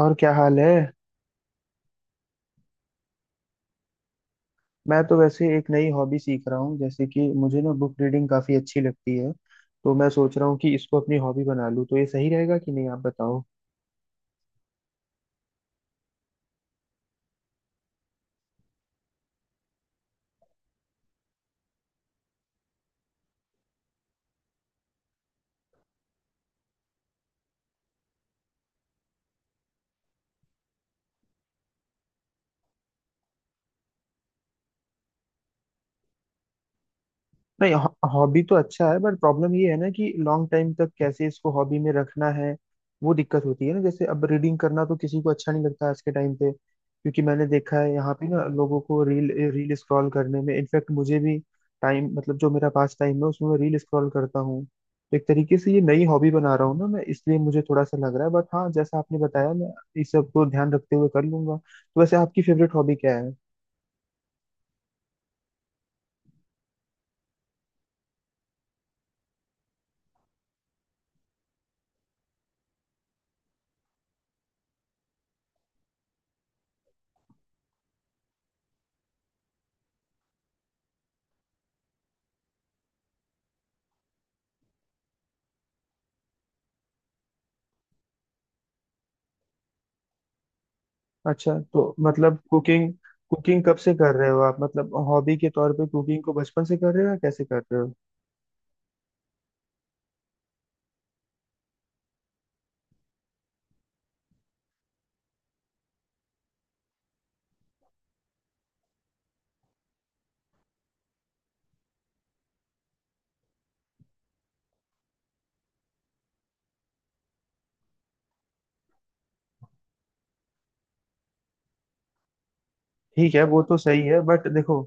और क्या हाल है। मैं तो वैसे एक नई हॉबी सीख रहा हूँ, जैसे कि मुझे ना बुक रीडिंग काफी अच्छी लगती है। तो मैं सोच रहा हूँ कि इसको अपनी हॉबी बना लूँ, तो ये सही रहेगा कि नहीं, आप बताओ। नहीं, हॉबी तो अच्छा है, बट प्रॉब्लम ये है ना कि लॉन्ग टाइम तक कैसे इसको हॉबी में रखना है। वो दिक्कत होती है ना, जैसे अब रीडिंग करना तो किसी को अच्छा नहीं लगता आज के टाइम पे, क्योंकि मैंने देखा है यहाँ पे ना लोगों को रील रील स्क्रॉल करने में, इनफैक्ट मुझे भी टाइम, मतलब जो मेरा पास टाइम है उसमें मैं रील स्क्रॉल करता हूँ। तो एक तरीके से ये नई हॉबी बना रहा हूँ ना मैं, इसलिए मुझे थोड़ा सा लग रहा है, बट हाँ, जैसा आपने बताया मैं इस सब को ध्यान रखते हुए कर लूंगा। तो वैसे आपकी फेवरेट हॉबी क्या है। अच्छा, तो मतलब कुकिंग। कुकिंग कब से कर रहे हो आप, मतलब हॉबी के तौर पे कुकिंग को बचपन से कर रहे हो या कैसे कर रहे हो। ठीक है, वो तो सही है, बट देखो,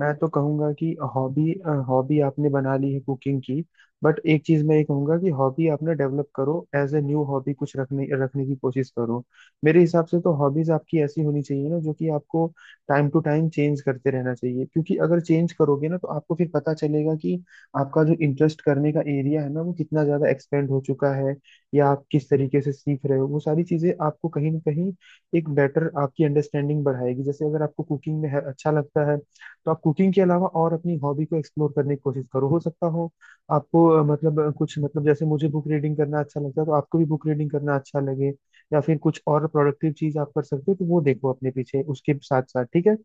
मैं तो कहूंगा कि हॉबी हॉबी आपने बना ली है कुकिंग की, बट एक चीज मैं ये कहूंगा कि हॉबी आपने डेवलप करो, एज ए न्यू हॉबी कुछ रखने रखने की कोशिश करो। मेरे हिसाब से तो हॉबीज आपकी ऐसी होनी चाहिए ना जो कि आपको टाइम टू टाइम चेंज करते रहना चाहिए, क्योंकि अगर चेंज करोगे ना तो आपको फिर पता चलेगा कि आपका जो इंटरेस्ट करने का एरिया है ना, वो कितना ज्यादा एक्सपेंड हो चुका है, या आप किस तरीके से सीख रहे हो, वो सारी चीजें आपको कहीं ना कहीं एक बेटर आपकी अंडरस्टैंडिंग बढ़ाएगी। जैसे अगर आपको कुकिंग में अच्छा लगता है, तो आप कुकिंग के अलावा और अपनी हॉबी को एक्सप्लोर करने की कोशिश करो। हो सकता हो आपको कुछ, मतलब जैसे मुझे बुक रीडिंग करना अच्छा लगता है, तो आपको भी बुक रीडिंग करना अच्छा लगे, या फिर कुछ और प्रोडक्टिव चीज आप कर सकते हो, तो वो देखो अपने पीछे उसके साथ साथ। ठीक है,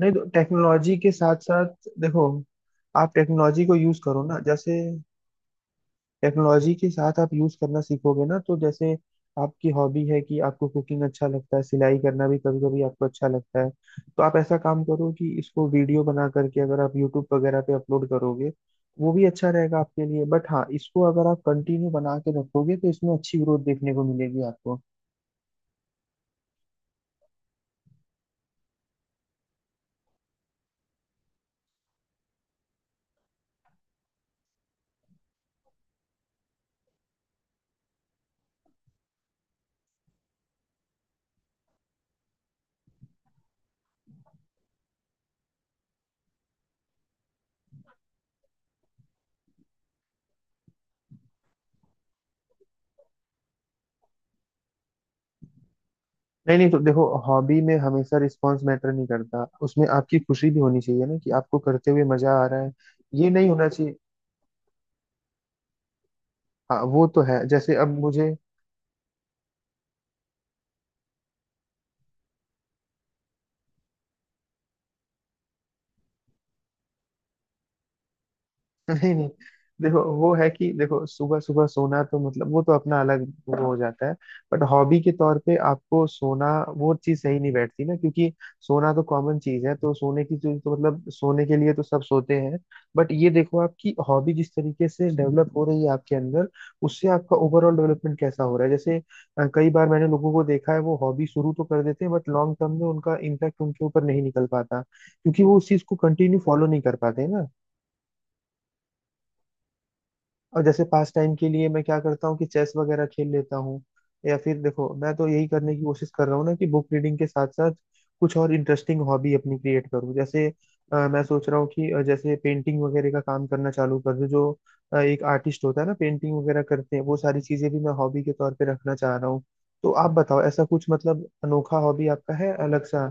नहीं तो टेक्नोलॉजी के साथ साथ देखो, आप टेक्नोलॉजी को यूज करो ना। जैसे टेक्नोलॉजी के साथ आप यूज करना सीखोगे ना, तो जैसे आपकी हॉबी है कि आपको कुकिंग अच्छा लगता है, सिलाई करना भी कभी कभी आपको अच्छा लगता है, तो आप ऐसा काम करो कि इसको वीडियो बना करके अगर आप यूट्यूब वगैरह पे अपलोड करोगे, वो भी अच्छा रहेगा आपके लिए। बट हाँ, इसको अगर आप कंटिन्यू बना के रखोगे तो इसमें अच्छी ग्रोथ देखने को मिलेगी आपको। नहीं नहीं, तो देखो, हॉबी में हमेशा रिस्पॉन्स मैटर नहीं करता, उसमें आपकी खुशी भी होनी चाहिए ना, कि आपको करते हुए मजा आ रहा है, ये नहीं होना चाहिए। हाँ, वो तो है, जैसे अब मुझे। नहीं नहीं, देखो, वो है कि देखो, सुबह सुबह सोना तो मतलब वो तो अपना अलग वो हो जाता है, बट हॉबी के तौर पे आपको सोना वो चीज सही नहीं बैठती ना, क्योंकि सोना तो कॉमन चीज है, तो सोने की चीज तो, मतलब सोने के लिए तो सब सोते हैं। बट ये देखो, आपकी हॉबी जिस तरीके से डेवलप हो रही है आपके अंदर, उससे आपका ओवरऑल डेवलपमेंट कैसा हो रहा है। जैसे कई बार मैंने लोगों को देखा है, वो हॉबी शुरू तो कर देते हैं, बट लॉन्ग टर्म में उनका इम्पैक्ट उनके ऊपर नहीं निकल पाता, क्योंकि वो उस चीज को कंटिन्यू फॉलो नहीं कर पाते ना। और जैसे पास टाइम के लिए मैं क्या करता हूँ कि चेस वगैरह खेल लेता हूँ, या फिर देखो मैं तो यही करने की कोशिश कर रहा हूँ ना कि बुक रीडिंग के साथ साथ कुछ और इंटरेस्टिंग हॉबी अपनी क्रिएट करूँ। जैसे मैं सोच रहा हूँ कि जैसे पेंटिंग वगैरह का काम करना चालू कर दूँ। जो एक आर्टिस्ट होता है ना, पेंटिंग वगैरह करते हैं, वो सारी चीजें भी मैं हॉबी के तौर पे रखना चाह रहा हूँ। तो आप बताओ, ऐसा कुछ मतलब अनोखा हॉबी आपका है अलग सा।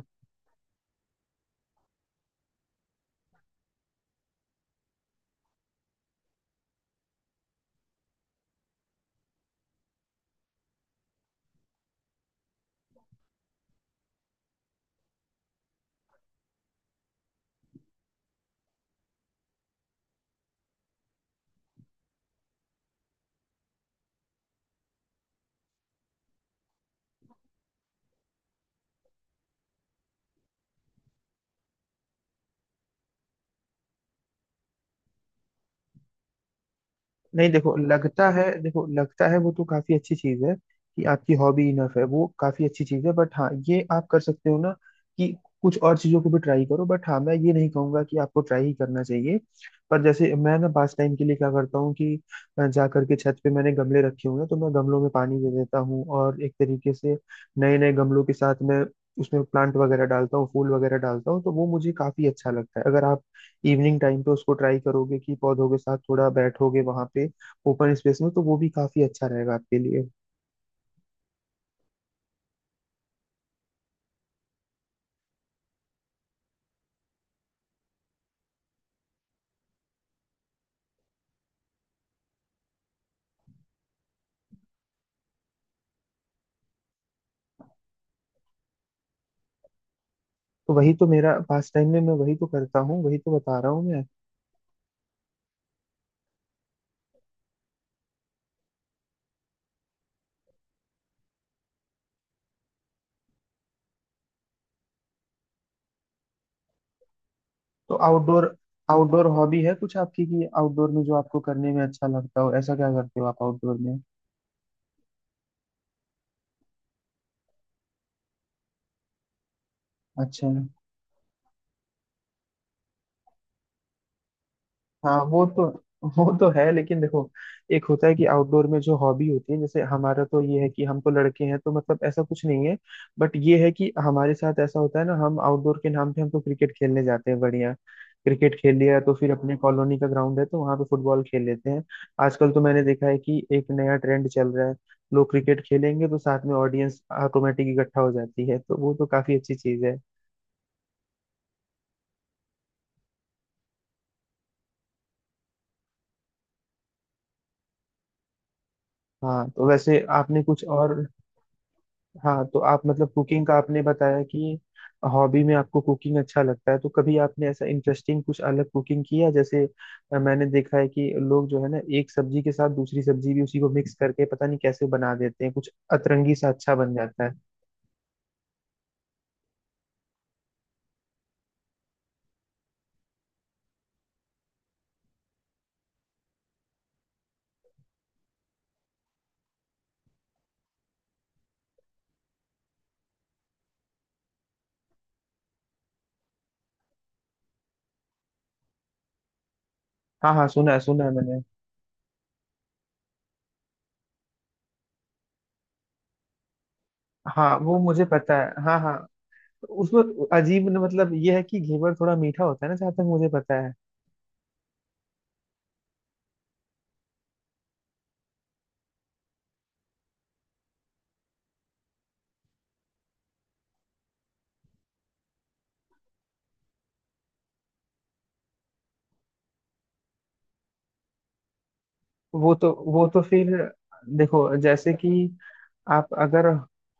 नहीं देखो, लगता है, देखो लगता है वो तो काफी अच्छी चीज है कि आपकी हॉबी इनफ है, वो काफी अच्छी चीज है, बट हाँ, ये आप कर सकते हो ना कि कुछ और चीजों को भी ट्राई करो। बट हाँ, मैं ये नहीं कहूंगा कि आपको ट्राई ही करना चाहिए। पर जैसे मैं ना पास टाइम के लिए क्या करता हूँ कि जा करके छत पे मैंने गमले रखे हुए हैं, तो मैं गमलों में पानी दे देता हूँ, और एक तरीके से नए नए गमलों के साथ मैं उसमें प्लांट वगैरह डालता हूँ, फूल वगैरह डालता हूँ, तो वो मुझे काफी अच्छा लगता है। अगर आप इवनिंग टाइम पे उसको ट्राई करोगे कि पौधों के साथ थोड़ा बैठोगे वहां पे ओपन स्पेस में, तो वो भी काफी अच्छा रहेगा आपके लिए। तो वही तो मेरा पास टाइम में, मैं वही तो करता हूँ, वही तो बता रहा हूँ मैं। तो आउटडोर आउटडोर हॉबी है कुछ आपकी, कि आउटडोर में जो आपको करने में अच्छा लगता हो, ऐसा क्या करते हो आप आउटडोर में। अच्छा। हाँ, वो तो है, लेकिन देखो, एक होता है कि आउटडोर में जो हॉबी होती है, जैसे हमारा तो ये है कि हम तो लड़के हैं, तो मतलब ऐसा कुछ नहीं है, बट ये है कि हमारे साथ ऐसा होता है ना, हम आउटडोर के नाम पे हम तो क्रिकेट खेलने जाते हैं, बढ़िया। क्रिकेट खेल लिया तो फिर अपने कॉलोनी का ग्राउंड है, तो वहां पे फुटबॉल खेल लेते हैं। आजकल तो मैंने देखा है कि एक नया ट्रेंड चल रहा है, लोग क्रिकेट खेलेंगे तो साथ में ऑडियंस ऑटोमेटिक इकट्ठा हो जाती है, तो वो तो काफी अच्छी चीज है। हाँ तो वैसे आपने कुछ और। हाँ तो आप, मतलब कुकिंग का आपने बताया कि हॉबी में आपको कुकिंग अच्छा लगता है, तो कभी आपने ऐसा इंटरेस्टिंग कुछ अलग कुकिंग किया, जैसे मैंने देखा है कि लोग जो है ना एक सब्जी के साथ दूसरी सब्जी भी उसी को मिक्स करके पता नहीं कैसे बना देते हैं, कुछ अतरंगी सा अच्छा बन जाता है। हाँ हाँ, सुना है, सुना है मैंने। हाँ, वो मुझे पता है, हाँ हाँ। उसमें अजीब मतलब ये है कि घेवर थोड़ा मीठा होता है ना, जहाँ तक मुझे पता है। वो तो फिर देखो, जैसे कि आप अगर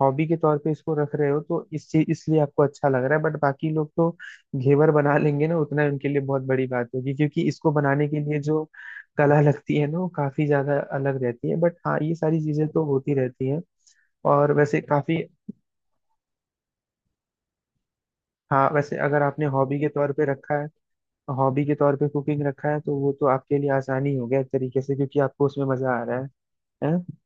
हॉबी के तौर पे इसको रख रहे हो, तो इस चीज इसलिए आपको अच्छा लग रहा है, बट बाकी लोग तो घेवर बना लेंगे ना, उतना ही उनके लिए बहुत बड़ी बात होगी, क्योंकि इसको बनाने के लिए जो कला लगती है ना, वो काफी ज्यादा अलग रहती है। बट हाँ, ये सारी चीजें तो होती रहती हैं। और वैसे काफी। हाँ, वैसे अगर आपने हॉबी के तौर पे रखा है, हॉबी के तौर पे कुकिंग रखा है, तो वो तो आपके लिए आसानी हो गया एक तरीके से, क्योंकि आपको उसमें मजा आ रहा है। हैं?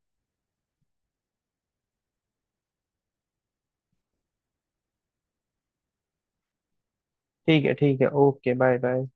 ठीक है, ठीक है, ओके, बाय बाय।